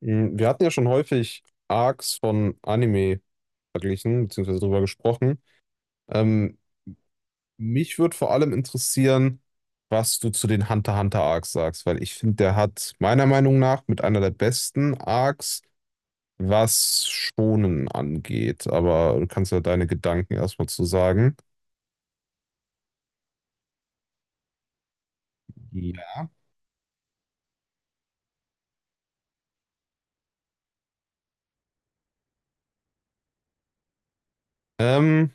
Wir hatten ja schon häufig Arcs von Anime verglichen, beziehungsweise drüber gesprochen. Ähm, mich würde vor allem interessieren, was du zu den Hunter x Hunter Arcs sagst, weil ich finde, der hat meiner Meinung nach mit einer der besten Arcs, was Schonen angeht. Aber du kannst ja deine Gedanken erstmal zu sagen. Ja. Ähm,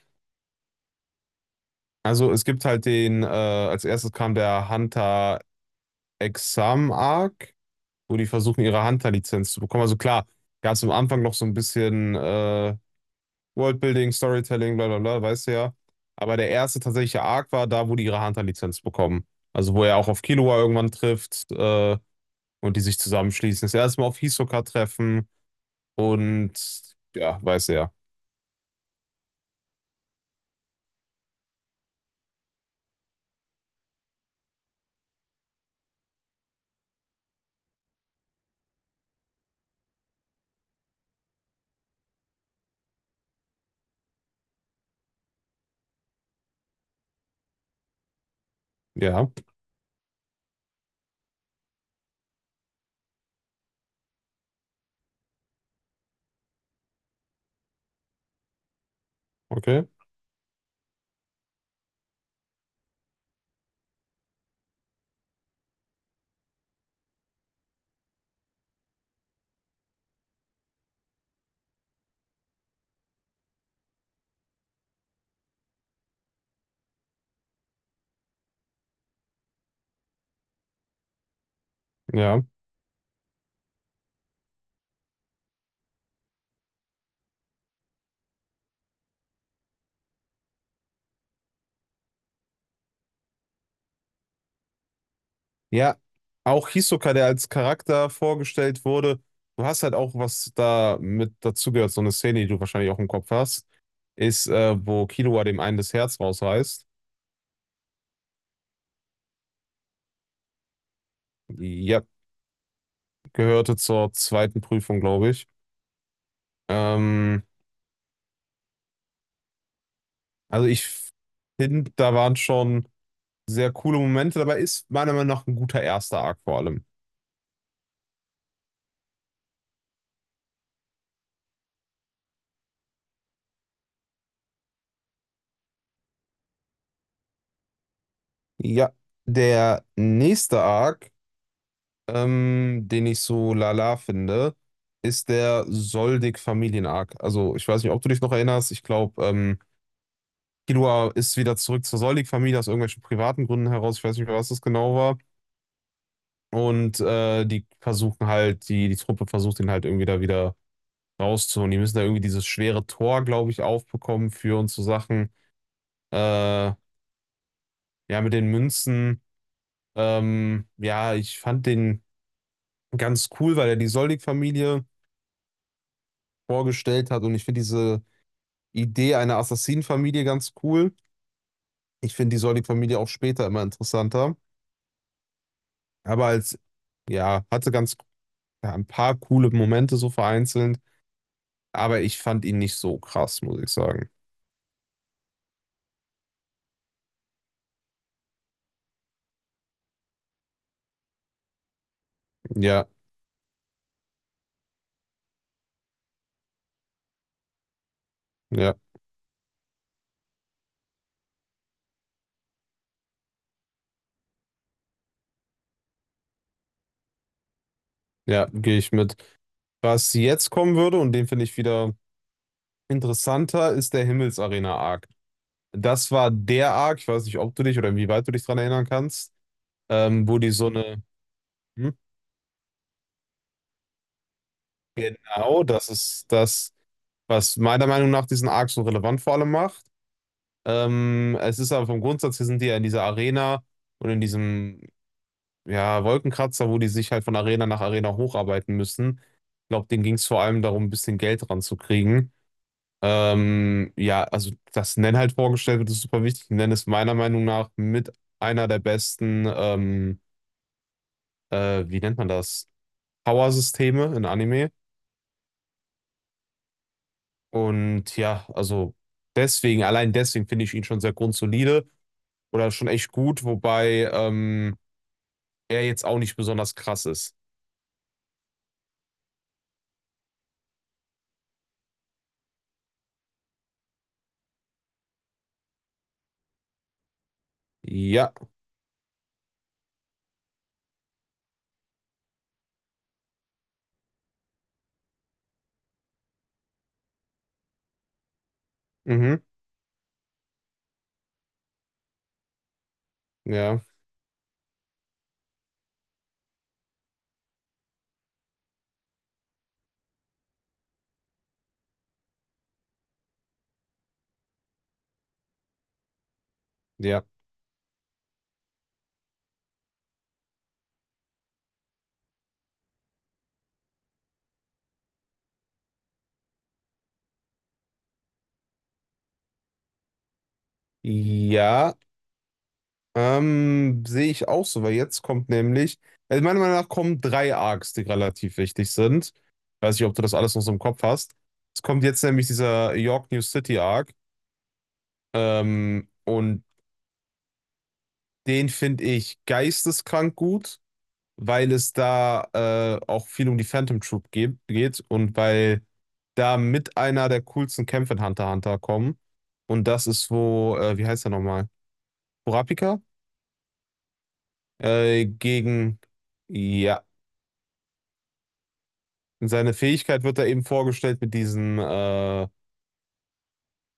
also es gibt halt den, als erstes kam der Hunter Exam Arc. Wo die versuchen, ihre Hunter-Lizenz zu bekommen. Also klar, ganz am Anfang noch so ein bisschen Worldbuilding, Storytelling, bla bla bla, weißt du ja. Aber der erste tatsächliche Arc war da, wo die ihre Hunter-Lizenz bekommen. Also wo er auch auf Killua irgendwann trifft und die sich zusammenschließen. Das erste Mal auf Hisoka treffen und ja, weiß er. Ja, ja, okay, ja. Ja, auch Hisoka, der als Charakter vorgestellt wurde. Du hast halt auch was da mit dazugehört, so eine Szene, die du wahrscheinlich auch im Kopf hast, ist, wo Killua dem einen das Herz rausreißt. Ja, gehörte zur zweiten Prüfung, glaube ich. Ähm, also ich finde, da waren schon sehr coole Momente dabei. Ist meiner Meinung nach ein guter erster Arc vor allem. Ja, der nächste Arc, den ich so lala finde, ist der Soldig-Familien-Arc. Also ich weiß nicht, ob du dich noch erinnerst. Ich glaube, Killua ist wieder zurück zur Soldig-Familie aus irgendwelchen privaten Gründen heraus. Ich weiß nicht mehr, was das genau war. Und die versuchen halt, die Truppe versucht ihn halt irgendwie da wieder rauszuholen. Die müssen da irgendwie dieses schwere Tor, glaube ich, aufbekommen für und so Sachen. Ja, mit den Münzen. Ja, ich fand den ganz cool, weil er die Soldig-Familie vorgestellt hat. Und ich finde diese Idee einer Assassinenfamilie ganz cool. Ich finde die Soldig-Familie auch später immer interessanter. Aber als, ja, hatte ganz ja, ein paar coole Momente so vereinzelt. Aber ich fand ihn nicht so krass, muss ich sagen. Ja, ja, ja, gehe ich mit. Was jetzt kommen würde, und den finde ich wieder interessanter, ist der Himmelsarena-Arc. Das war der Arc, ich weiß nicht, ob du dich oder wie weit du dich dran erinnern kannst, wo die so eine. Hm? Genau, das ist das, was meiner Meinung nach diesen Arc so relevant vor allem macht. Es ist aber vom Grundsatz her sind die ja in dieser Arena und in diesem, ja, Wolkenkratzer, wo die sich halt von Arena nach Arena hocharbeiten müssen. Ich glaube, denen ging es vor allem darum, ein bisschen Geld ranzukriegen. Ja, also dass Nen halt vorgestellt wird, ist super wichtig. Nen ist meiner Meinung nach mit einer der besten, wie nennt man das? Power-Systeme in Anime. Und ja, also deswegen, allein deswegen finde ich ihn schon sehr grundsolide oder schon echt gut, wobei er jetzt auch nicht besonders krass ist. Ja, mhm, ja, ja. Ja. Sehe ich auch so, weil jetzt kommt nämlich, also meiner Meinung nach kommen drei Arcs, die relativ wichtig sind. Weiß nicht, ob du das alles noch so im Kopf hast. Es kommt jetzt nämlich dieser York New City Arc. Und den finde ich geisteskrank gut, weil es da auch viel um die Phantom Troop geht und weil da mit einer der coolsten Kämpfe in Hunter x Hunter kommen. Und das ist wo, wie heißt er nochmal? Kurapika? Gegen. Ja. Und seine Fähigkeit wird da eben vorgestellt mit diesen,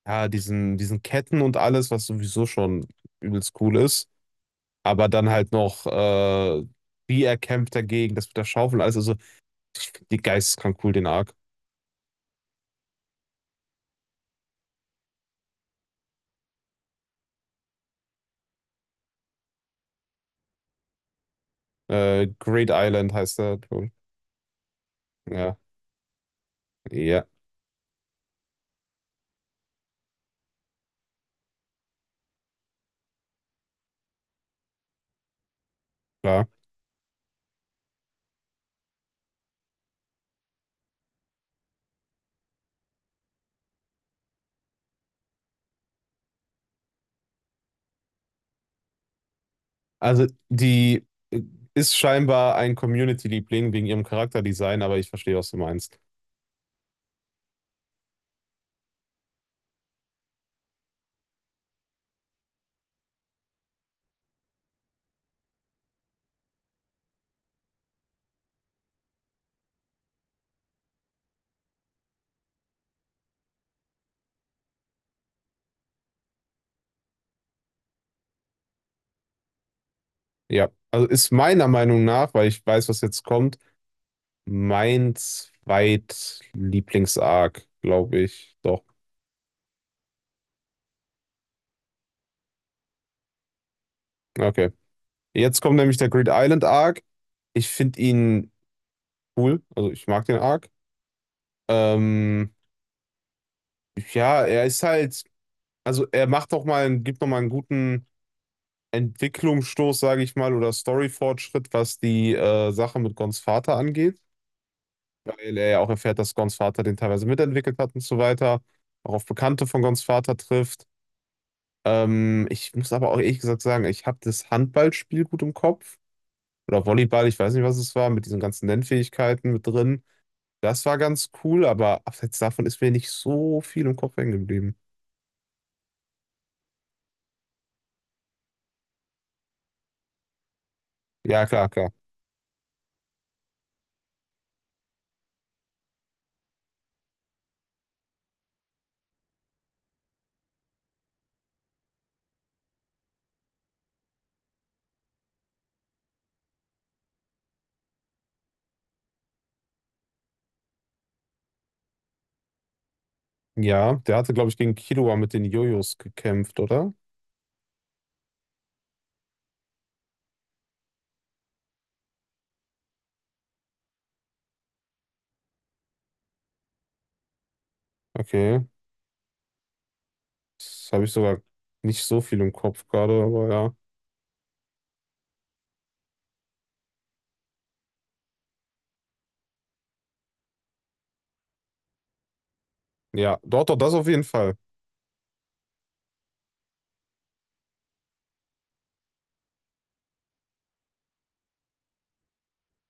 ja, diesen Ketten und alles, was sowieso schon übelst cool ist. Aber dann halt noch, wie er kämpft dagegen, das mit der Schaufel und alles. Also, die geisteskrank cool, den Arc. Great Island heißt der. Ja, ja, klar. Also, die äh, ist scheinbar ein Community-Liebling wegen ihrem Charakterdesign, aber ich verstehe, was du meinst. Ja, also ist meiner Meinung nach, weil ich weiß, was jetzt kommt, mein Zweitlieblings-Arc, glaube ich. Doch. Okay. Jetzt kommt nämlich der Grid Island Arc. Ich finde ihn cool. Also ich mag den Arc. Ähm, ja, er ist halt, also er macht doch mal, gibt noch mal einen guten Entwicklungsstoß, sage ich mal, oder Story-Fortschritt, was die Sache mit Gons Vater angeht. Weil er ja auch erfährt, dass Gons Vater den teilweise mitentwickelt hat und so weiter. Auch auf Bekannte von Gons Vater trifft. Ich muss aber auch ehrlich gesagt sagen, ich habe das Handballspiel gut im Kopf. Oder Volleyball, ich weiß nicht, was es war, mit diesen ganzen Nennfähigkeiten mit drin. Das war ganz cool, aber abseits davon ist mir nicht so viel im Kopf hängen geblieben. Ja, klar, klar. Ja, der hatte, glaube ich, gegen Killua mit den Jojos gekämpft, oder? Okay. Das habe ich sogar nicht so viel im Kopf gerade, aber ja. Ja, dort, doch, doch, das auf jeden Fall.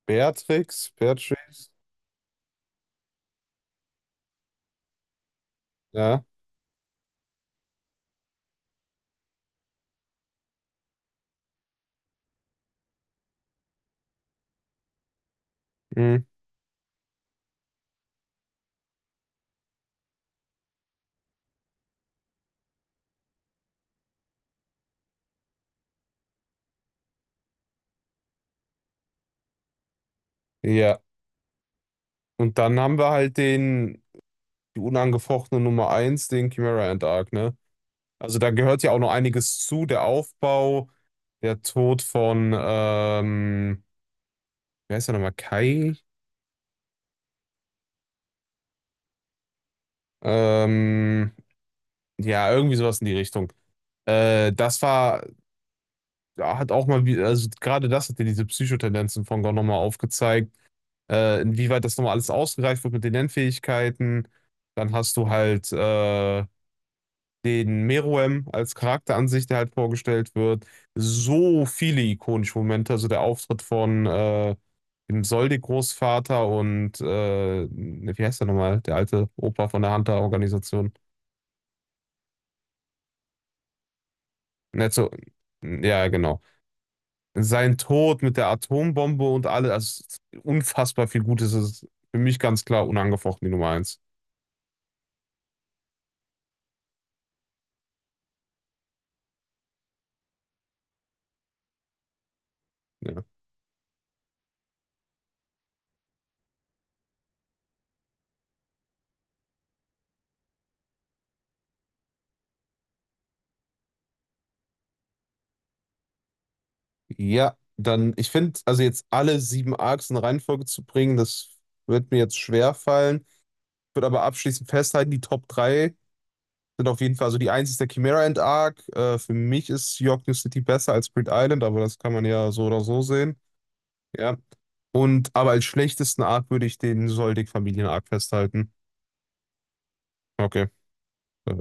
Beatrix, Beatrix, ja. Mhm. Ja. Und dann haben wir halt den, die unangefochtene Nummer eins, den Chimera and Arc, ne? Also da gehört ja auch noch einiges zu, der Aufbau, der Tod von, wie heißt der nochmal, Kai? Ähm, ja, irgendwie sowas in die Richtung. Das war, ja, hat auch mal, also gerade das hat ja diese Psychotendenzen von Gon nochmal aufgezeigt, inwieweit das nochmal alles ausgereift wird mit den Lernfähigkeiten. Dann hast du halt den Meruem als Charakter an sich, der halt vorgestellt wird. So viele ikonische Momente, also der Auftritt von dem Soldi-Großvater und ne, wie heißt der nochmal? Der alte Opa von der Hunter-Organisation. Netzo, ja, genau. Sein Tod mit der Atombombe und alles, also unfassbar viel Gutes ist für mich ganz klar unangefochten die Nummer eins. Ja. Ja, dann, ich finde, also jetzt alle sieben Arcs in Reihenfolge zu bringen, das wird mir jetzt schwer fallen. Würde aber abschließend festhalten, die Top 3 sind auf jeden Fall, also die eins ist der Chimera Ant Arc. Für mich ist York New City besser als Grid Island, aber das kann man ja so oder so sehen. Ja. Und aber als schlechtesten Arc würde ich den Soldig Familien Arc festhalten. Okay, äh,